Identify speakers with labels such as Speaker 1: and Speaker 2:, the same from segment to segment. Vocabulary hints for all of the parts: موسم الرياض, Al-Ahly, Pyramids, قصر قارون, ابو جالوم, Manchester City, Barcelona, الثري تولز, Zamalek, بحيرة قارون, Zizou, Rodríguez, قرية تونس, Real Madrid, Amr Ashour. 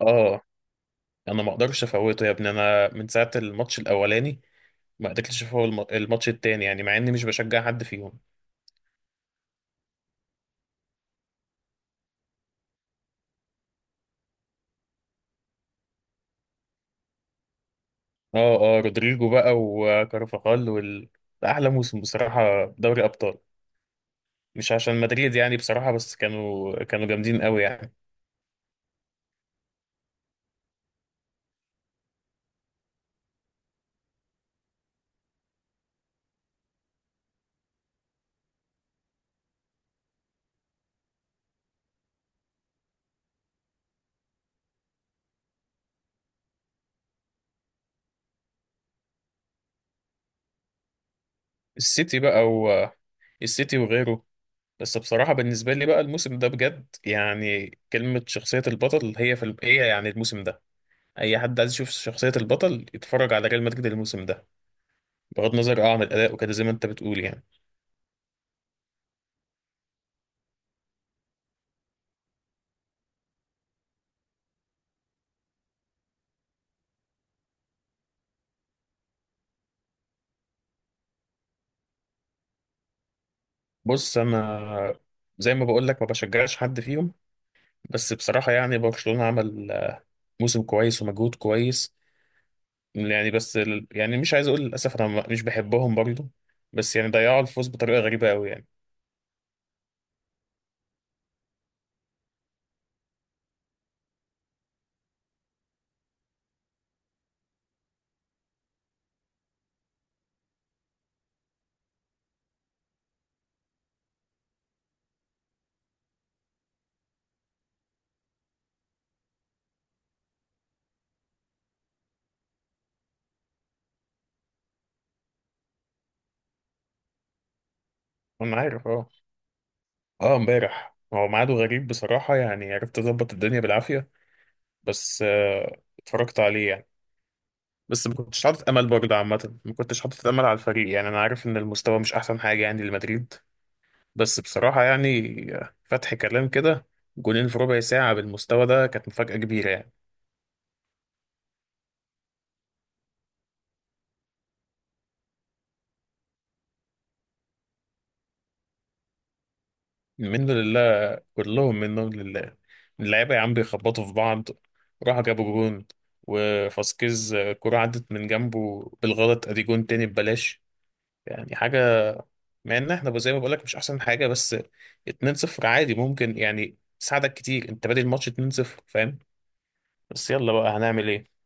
Speaker 1: اه، انا ما اقدرش افوته يا ابني. انا من ساعه الماتش الاولاني ما قدرتش افوت الماتش التاني، يعني مع اني مش بشجع حد فيهم. اه اه، رودريجو بقى وكارفاخال ده احلى موسم بصراحه، دوري ابطال. مش عشان مدريد يعني بصراحه، بس كانوا جامدين قوي يعني. السيتي بقى و... السيتي وغيره. بس بصراحه بالنسبه لي بقى الموسم ده بجد يعني، كلمه شخصيه البطل هي يعني الموسم ده. اي حد عايز يشوف شخصيه البطل يتفرج على ريال مدريد الموسم ده. بغض النظر عن الاداء وكده، زي ما انت بتقول يعني. بص انا، زي ما بقول لك ما بشجعش حد فيهم. بس بصراحه يعني برشلونه عمل موسم كويس ومجهود كويس يعني. بس يعني مش عايز اقول للاسف، انا مش بحبهم برضو. بس يعني ضيعوا الفوز بطريقه غريبه قوي يعني. انا عارف اه. اه امبارح هو ميعاده غريب بصراحه، يعني عرفت اظبط الدنيا بالعافيه. بس اتفرجت عليه يعني. بس ما كنتش حاطط امل برضه عامه، ما كنتش حاطط امل على الفريق. يعني انا عارف ان المستوى مش احسن حاجه يعني لمدريد. بس بصراحه يعني، فتح كلام كده جولين في ربع ساعه بالمستوى ده كانت مفاجاه كبيره يعني. منه لله، كلهم منهم لله. اللعيبه يا عم بيخبطوا في بعض. راحوا جابوا جون وفاسكيز، كرة عدت من جنبه بالغلط ادي جون تاني ببلاش. يعني حاجه، مع ان احنا زي ما بقولك مش احسن حاجه، بس 2-0 عادي ممكن يعني تساعدك كتير. انت بادئ الماتش 2-0، فاهم. بس يلا بقى هنعمل ايه.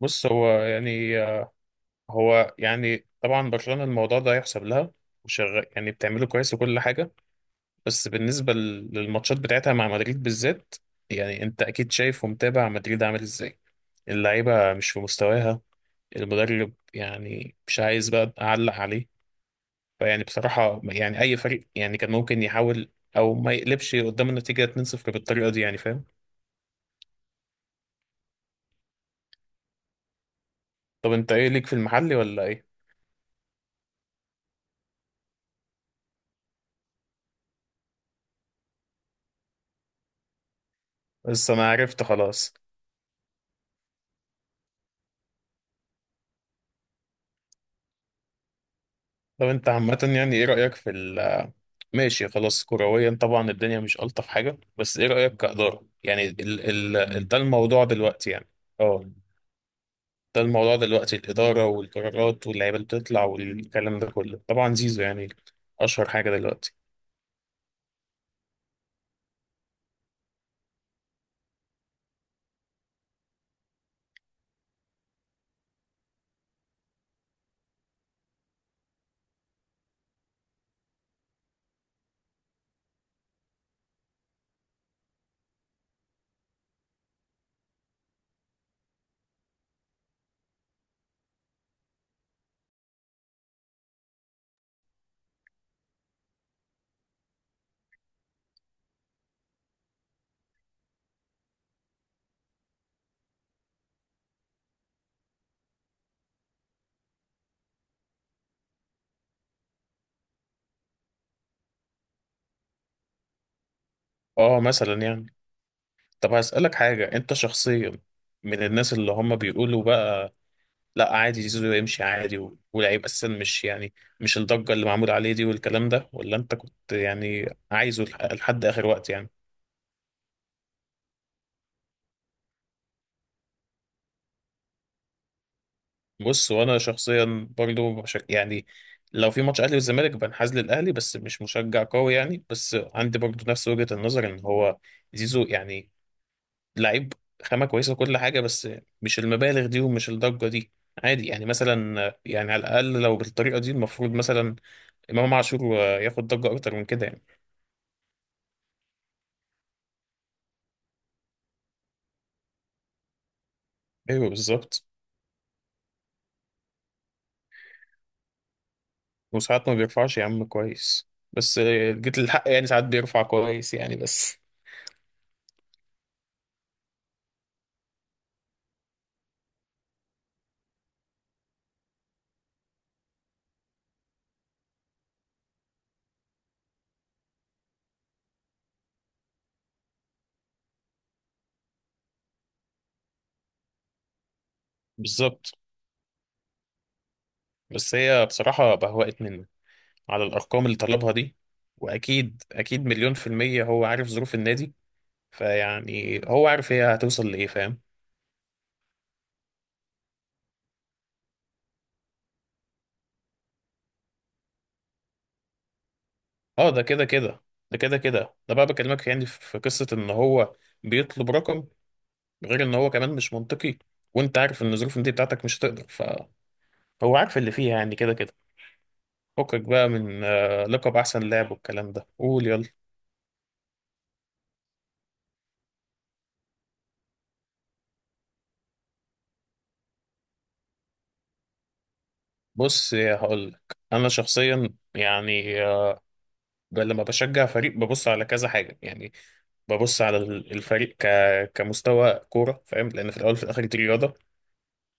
Speaker 1: بص هو يعني طبعا برشلونة الموضوع ده يحسب لها. وشغال يعني، بتعمله كويس وكل حاجة. بس بالنسبة للماتشات بتاعتها مع مدريد بالذات، يعني انت اكيد شايف ومتابع مدريد عامل ازاي. اللعيبة مش في مستواها. المدرب يعني مش عايز بقى اعلق عليه. فيعني بصراحة يعني اي فريق يعني كان ممكن يحاول. او ما يقلبش قدام النتيجة 2-0 بالطريقة دي، يعني فاهم. طب انت ايه ليك في المحلي ولا ايه؟ بس انا عرفت خلاص. طب انت عامة يعني ايه رأيك في ال ماشي خلاص، كرويا طبعا الدنيا مش ألطف حاجة، بس ايه رأيك كإدارة؟ يعني ال ال ده الموضوع دلوقتي يعني. اه، ده الموضوع دلوقتي الإدارة والقرارات واللعيبة اللي بتطلع والكلام ده كله، طبعا زيزو يعني أشهر حاجة دلوقتي. اه مثلا يعني. طب هسألك حاجة انت شخصيا، من الناس اللي هم بيقولوا بقى لا عادي زيزو يمشي عادي ولعيب اساسا مش يعني، مش الضجه اللي معمول عليه دي والكلام ده، ولا انت كنت يعني عايزه لحد اخر وقت يعني؟ بص وانا شخصيا برضو بشك يعني. لو في ماتش اهلي والزمالك بنحاز للاهلي، بس مش مشجع قوي يعني. بس عندي برضو نفس وجهه النظر ان هو زيزو يعني لعيب، خامه كويسه وكل حاجه، بس مش المبالغ دي ومش الضجه دي. عادي يعني، مثلا يعني على الاقل لو بالطريقه دي المفروض مثلا امام عاشور ياخد ضجه اكتر من كده يعني. ايوه بالظبط. وساعات ما بيرفعش يا عم كويس، بس جيت للحق يعني، ساعات بيرفع كويس يعني بس. بالظبط. بس هي بصراحة بهوقت منه على الأرقام اللي طلبها دي. وأكيد أكيد مليون في المية هو عارف ظروف النادي. فيعني هو عارف هي هتوصل لإيه، فاهم. اه ده كده كده. ده كده كده، ده بقى بكلمك يعني في قصة إن هو بيطلب رقم، غير إن هو كمان مش منطقي. وأنت عارف إن ظروف النادي بتاعتك مش هتقدر، فهو عارف اللي فيها يعني كده كده. فكك بقى من لقب احسن لاعب والكلام ده، قول يلا. بص هقول لك انا شخصيا يعني. لما بشجع فريق ببص على كذا حاجه يعني. ببص على الفريق كمستوى كوره، فاهم، لان في الاول وفي الاخر دي رياضه.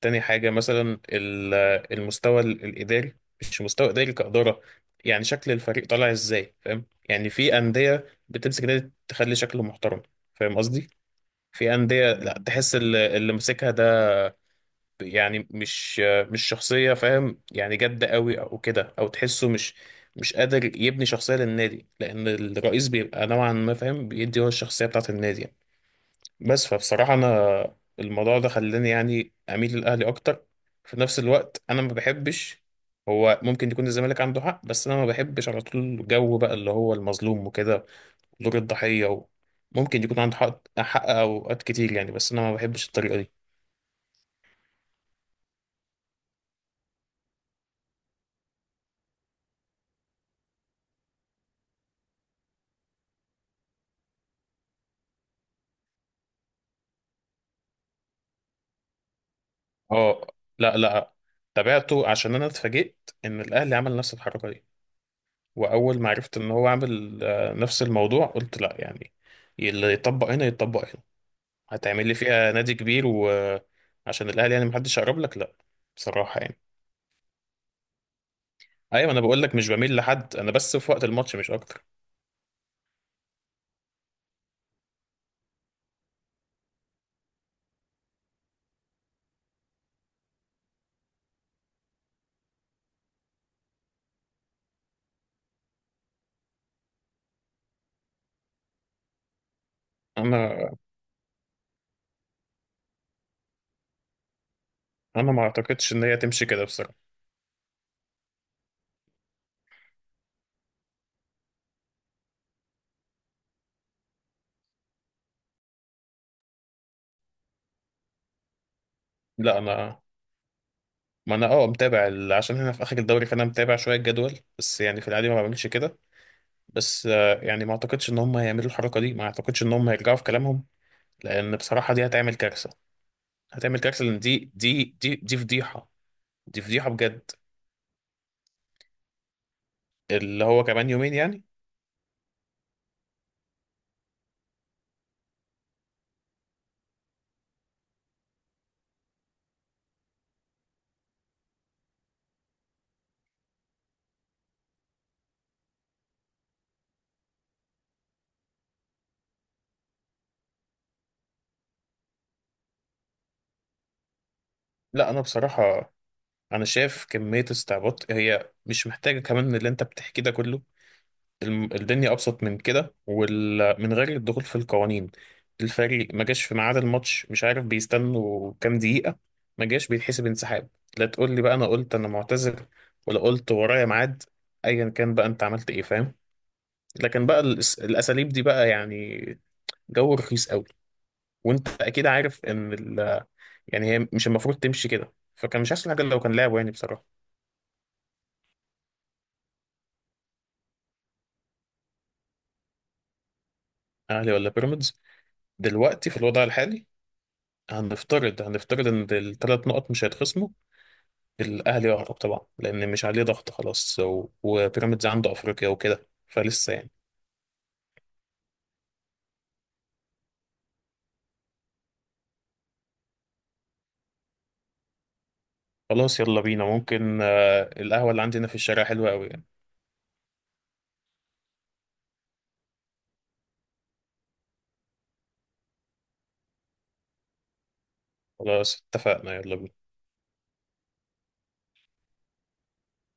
Speaker 1: تاني حاجه مثلا المستوى الاداري. مش مستوى اداري كاداره، يعني شكل الفريق طالع ازاي فاهم. يعني في انديه بتمسك نادي تخلي شكله محترم، فاهم قصدي. في انديه لا تحس اللي ماسكها يعني مش، مش شخصية فاهم، يعني جادة قوي او كده. او تحسه مش قادر يبني شخصية للنادي، لان الرئيس بيبقى نوعا ما فاهم، بيدي هو الشخصية بتاعة النادي يعني. بس فبصراحة انا الموضوع ده خلاني يعني اميل للاهلي اكتر. في نفس الوقت انا ما بحبش، هو ممكن يكون الزمالك عنده حق بس انا ما بحبش على طول جو بقى اللي هو المظلوم وكده، دور الضحية ممكن يكون عنده حق، حق اوقات كتير يعني، بس انا ما بحبش الطريقة دي. اه. لا لا. تابعته عشان انا اتفاجئت ان الاهلي عمل نفس الحركه دي. واول ما عرفت ان هو عامل نفس الموضوع قلت لا يعني. اللي يطبق هنا يطبق هنا. هتعمل لي فيها نادي كبير وعشان الاهلي يعني محدش يقرب لك؟ لا. بصراحه يعني، ايوه انا بقول لك مش بميل لحد، انا بس في وقت الماتش مش اكتر. انا انا ما اعتقدش ان هي تمشي كده بصراحه. لا انا، ما انا متابع عشان هنا في اخر الدوري، فانا متابع شويه الجدول، بس يعني في العادي ما بعملش كده. بس يعني ما اعتقدش ان هم هيعملوا الحركه دي، ما اعتقدش ان هم هيرجعوا في كلامهم، لان بصراحه دي هتعمل كارثه. هتعمل كارثه لان دي فضيحه. دي فضيحه بجد. اللي هو كمان يومين يعني. لا انا بصراحه، انا شايف كميه استعباط هي مش محتاجه كمان اللي انت بتحكي ده كله. الدنيا ابسط من كده ومن غير الدخول في القوانين. الفريق ما جاش في ميعاد الماتش، مش عارف بيستنوا كام دقيقة، ما جاش بيتحسب انسحاب. لا تقول لي بقى انا قلت انا معتذر، ولا قلت ورايا ميعاد، ايا كان بقى انت عملت ايه فاهم. لكن بقى الاساليب دي بقى يعني، جو رخيص قوي. وانت اكيد عارف ان يعني هي مش المفروض تمشي كده، فكان مش احسن حاجة لو كان لعبه يعني بصراحة. اهلي ولا بيراميدز. دلوقتي في الوضع الحالي، هنفترض هنفترض ان الثلاث نقط مش هيتخصموا، الاهلي يهرب طبعا لان مش عليه ضغط خلاص، وبيراميدز عنده افريقيا وكده فلسه يعني. خلاص يلا بينا، ممكن القهوه اللي عندنا في الشارع حلوه قوي يعني. خلاص اتفقنا يلا بينا.